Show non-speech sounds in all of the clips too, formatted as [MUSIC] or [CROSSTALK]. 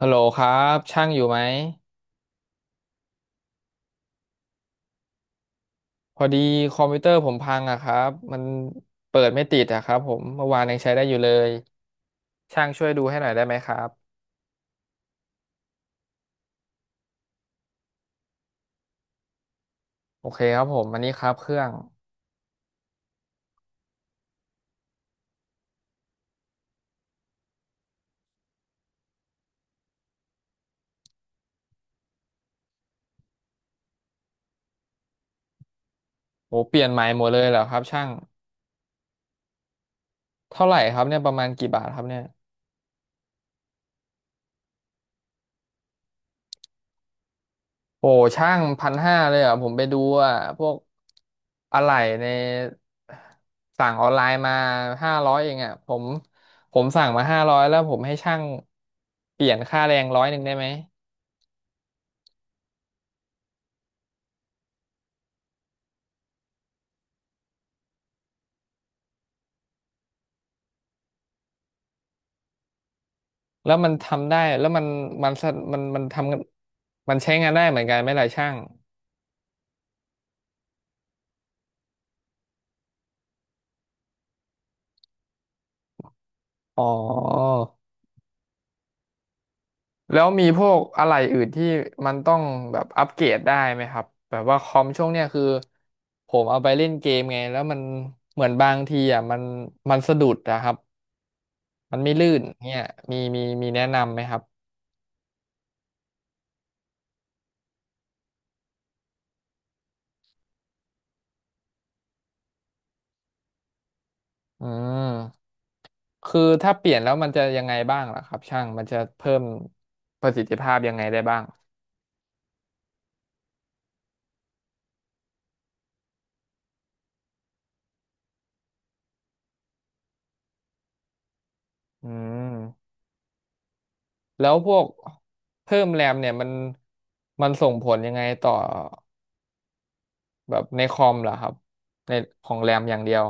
ฮัลโหลครับช่างอยู่ไหมพอดีคอมพิวเตอร์ผมพังอะครับมันเปิดไม่ติดอะครับผมเมื่อวานยังใช้ได้อยู่เลยช่างช่วยดูให้หน่อยได้ไหมครับโอเคครับผมอันนี้ครับเครื่องโหเปลี่ยนใหม่หมดเลยเหรอครับช่างเท่าไหร่ครับเนี่ยประมาณกี่บาทครับเนี่ยโอ้ช่าง1,500เลยเหรอผมไปดูอะพวกอะไหล่ในสั่งออนไลน์มาห้าร้อยเองอะผมผมสั่งมาห้าร้อยแล้วผมให้ช่างเปลี่ยนค่าแรง100ได้ไหม แล้วมันทำได้แล้วมันมันสะมันทำงานมันใช้งานได้เหมือนกันไหมล่ะช่างอ๋อแล้วมีพวกอะไรอื่นที่มันต้องแบบอัปเกรดได้ไหมครับแบบว่าคอมช่วงเนี้ยคือผมเอาไปเล่นเกมไงแล้วมันเหมือนบางทีอ่ะมันมันสะดุดนะครับมันไม่ลื่นเนี่ยมีแนะนำไหมครับอืมคือถ้าเปลี่ยนแล้วมันจะยังไงบ้างล่ะครับช่างมันจะเพิ่มประสิทธิภาพยังไงได้บ้างอืม แล้วพวกเพิ่มแรมเนี่ยมันมันส่งผลยังไงต่อแบบในคอมเหรอครับในของแรมอย่างเดียว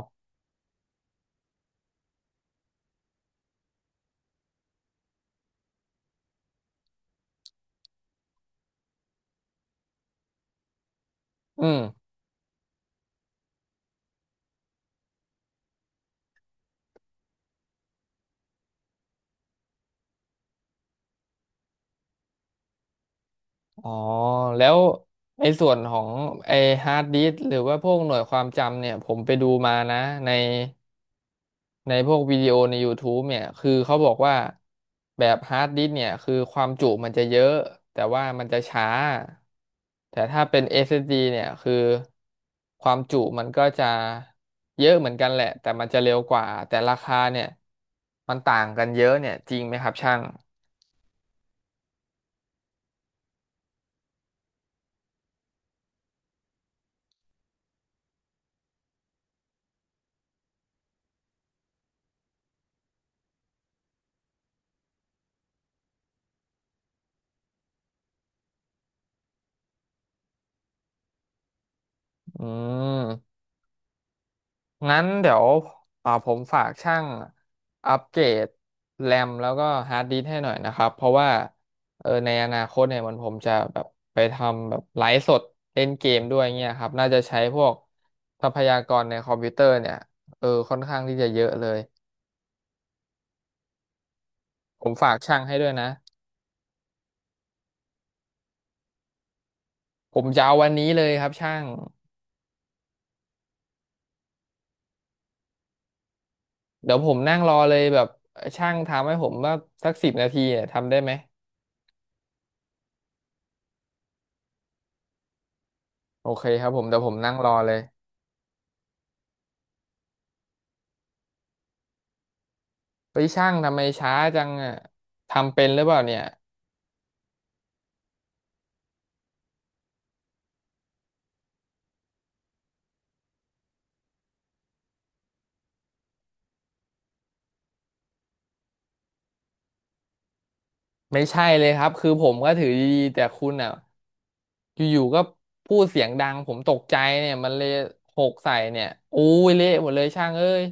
อืม อ๋อ แล้วในส่วนของไอฮาร์ดดิสก์หรือว่าพวกหน่วยความจำเนี่ยผมไปดูมานะใน ในพวกวิดีโอใน YouTube เนี่ยคือเขาบอกว่าแบบฮาร์ดดิสก์เนี่ยคือความจุมันจะเยอะแต่ว่ามันจะช้าแต่ถ้าเป็น SSD เอสดีเนี่ยคือความจุมันก็จะเยอะเหมือนกันแหละแต่มันจะเร็วกว่าแต่ราคาเนี่ยมันต่างกันเยอะเนี่ยจริงไหมครับช่างอืม งั้นเดี๋ยวผมฝากช่างอัปเกรดแรมแล้วก็ฮาร์ดดิสก์ให้หน่อยนะครับเพราะว่าในอนาคตเนี่ยมันผมจะแบบไปทำแบบไลฟ์สดเล่นเกมด้วยเงี้ยครับน่าจะใช้พวกทรัพยากรในคอมพิวเตอร์เนี่ยค่อนข้างที่จะเยอะเลยผมฝากช่างให้ด้วยนะผมจะเอาวันนี้เลยครับช่างเดี๋ยวผมนั่งรอเลยแบบช่างทำให้ผมว่าสัก10 นาทีเนี่ยทำได้ไหมโอเคครับผมเดี๋ยวผมนั่งรอเลย ไปช่างทำไมช้าจังอ่ะทำเป็นหรือเปล่าเนี่ยไม่ใช่เลยครับคือผมก็ถือดีๆแต่คุณอ่ะอยู่ๆก็พูดเสียงดังผมตกใจเนี่ยมันเลยหกใส่เนี่ยอู้ยเละหมดเลยช่างเอ้ย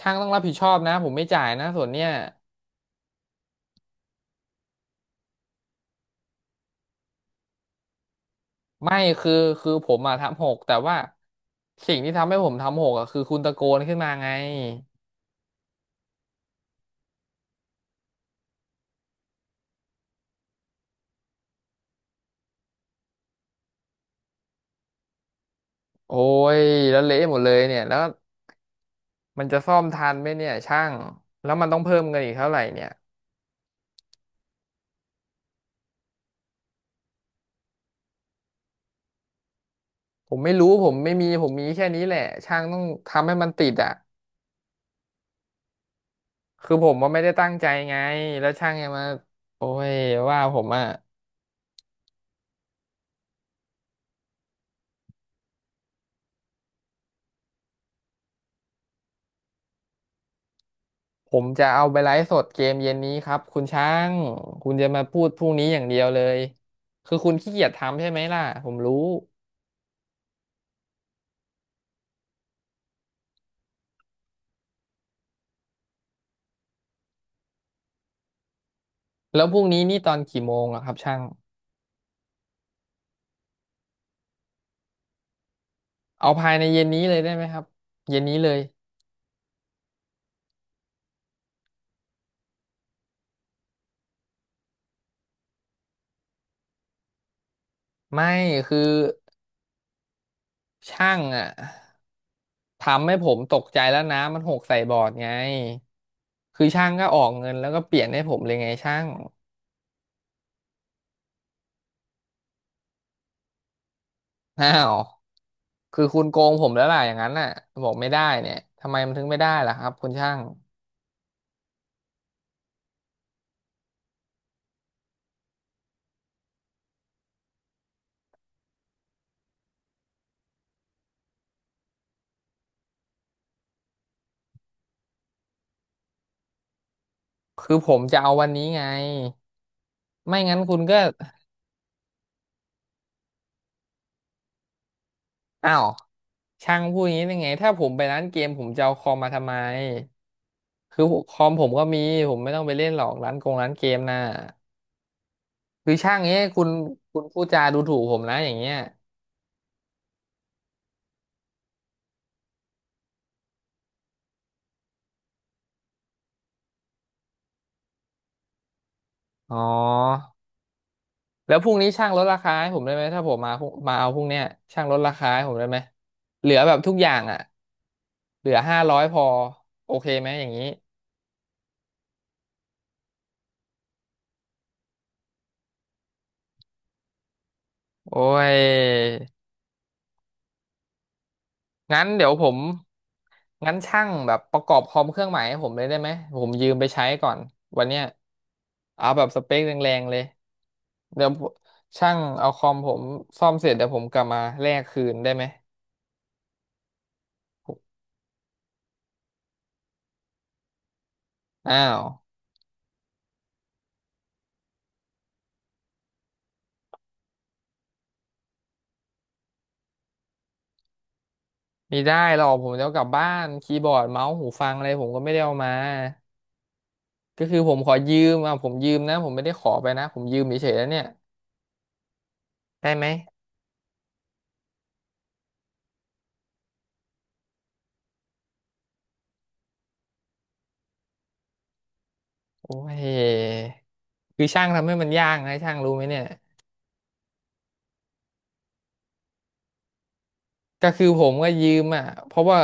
ช่างต้องรับผิดชอบนะผมไม่จ่ายนะส่วนเนี่ยไม่คือผมอ่ะทำหกแต่ว่าสิ่งที่ทำให้ผมทำหกอะคือคุณตะโกนขึ้นมาไงโอ้ยแล้วเละหมดเลยเนี่ยแล้วมันจะซ่อมทันไหมเนี่ยช่างแล้วมันต้องเพิ่มเงินอีกเท่าไหร่เนี่ย ผมไม่รู้ผมไม่มีผมมีแค่นี้แหละช่างต้องทำให้มันติดอ่ะคือผมว่าไม่ได้ตั้งใจไงแล้วช่างยังมาโอ้ยว่าผมอ่ะผมจะเอาไปไลฟ์สดเกมเย็นนี้ครับคุณช่างคุณจะมาพูดพรุ่งนี้อย่างเดียวเลยคือคุณขี้เกียจทำใช่ไหมล่ะผมรู้แล้วพรุ่งนี้นี่ตอนกี่โมงอะครับช่างเอาภายในเย็นนี้เลยได้ไหมครับเย็นนี้เลยไม่คือ ช่างอ่ะทำให้ผมตกใจแล้วน้ำมันหกใส่บอร์ดไงคือช่างก็ออกเงินแล้วก็เปลี่ยนให้ผมเลยไงช่าง [LAUGHS] อ้าวคือคุณโกงผมแล้วล่ะอย่างนั้นน่ะบอกไม่ได้เนี่ยทำไมมันถึงไม่ได้ล่ะครับคุณช่างคือผมจะเอาวันนี้ไงไม่งั้นคุณก็อ้าวช่างพูดอย่างนี้ได้ไงถ้าผมไปร้านเกมผมจะเอาคอมมาทำไมคือคอมผมก็มีผมไม่ต้องไปเล่นหรอกร้านกงร้านเกมน่ะ คือช่างเงี้ยคุณคุณพูดจาดูถูกผมนะอย่างเงี้ยอ๋อแล้วพรุ่งนี้ช่างลดราคาให้ผมได้ไหมถ้าผมมาพรุ่งมาเอาพรุ่งเนี้ยช่างลดราคาให้ผมได้ไหมเหลือแบบทุกอย่างอ่ะเหลือห้าร้อยพอโอเคไหมอย่างนี้โอ้ยงั้นเดี๋ยวผมงั้นช่างแบบประกอบคอมเครื่องใหม่ให้ผมเลยได้ไหมผมยืมไปใช้ก่อนวันเนี้ยเอาแบบสเปคแรงๆเลยเดี๋ยวช่างเอาคอมผมซ่อมเสร็จเดี๋ยวผมกลับมาแลกคืนได้ไหมอ้าว ไม่ได้หรอกผมจะเอากลับบ้านคีย์บอร์ดเมาส์หูฟังอะไรผมก็ไม่ได้เอามาก็คือผมขอยืมอ่ะผมยืมนะผมไม่ได้ขอไปนะผมยืมเฉยๆแล้วเนี่ยได้ไหมโอ้ยคือช่างทำให้มันยากนะช่างรู้ไหมเนี่ยก็คือผมก็ยืมอ่ะเพราะว่า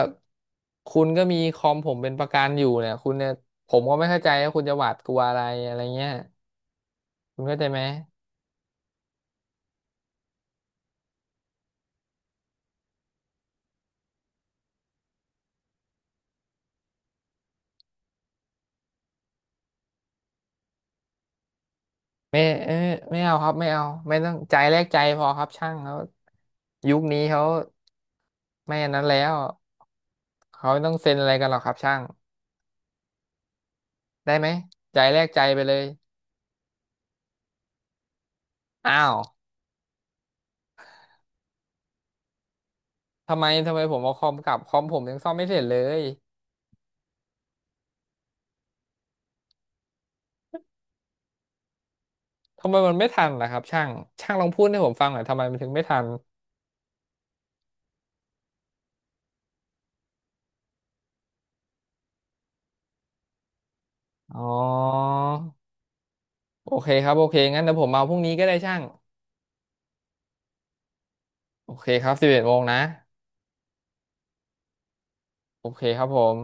คุณก็มีคอมผมเป็นประกันอยู่เนี่ยคุณเนี่ยผมก็ไม่เข้าใจว่าคุณจะหวาดกลัวอะไรอะไรเงี้ยคุณเข้าใจไหมไม่เออไม่เอาครับไม่เอาไม่ต้องใจแลกใจพอครับช่างเขายุคนี้เขาไม่อันนั้นแล้ว เขาไม่ต้องเซ็นอะไรกันหรอกครับช่างได้ไหมใจแลกใจไปเลยอ้าวทำไมผมเอาคอมกลับคอมผมยังซ่อมไม่เสร็จเลยทำไมมันไม่ทันล่ะครับช่างช่างลองพูดให้ผมฟังหน่อยทำไมมันถึงไม่ทันอ๋อโอเคครับโอเคงั้นเดี๋ยวผมมาพรุ่งนี้ก็ได้ช่างโอเคครับ11 โมงนะโอเคครับผม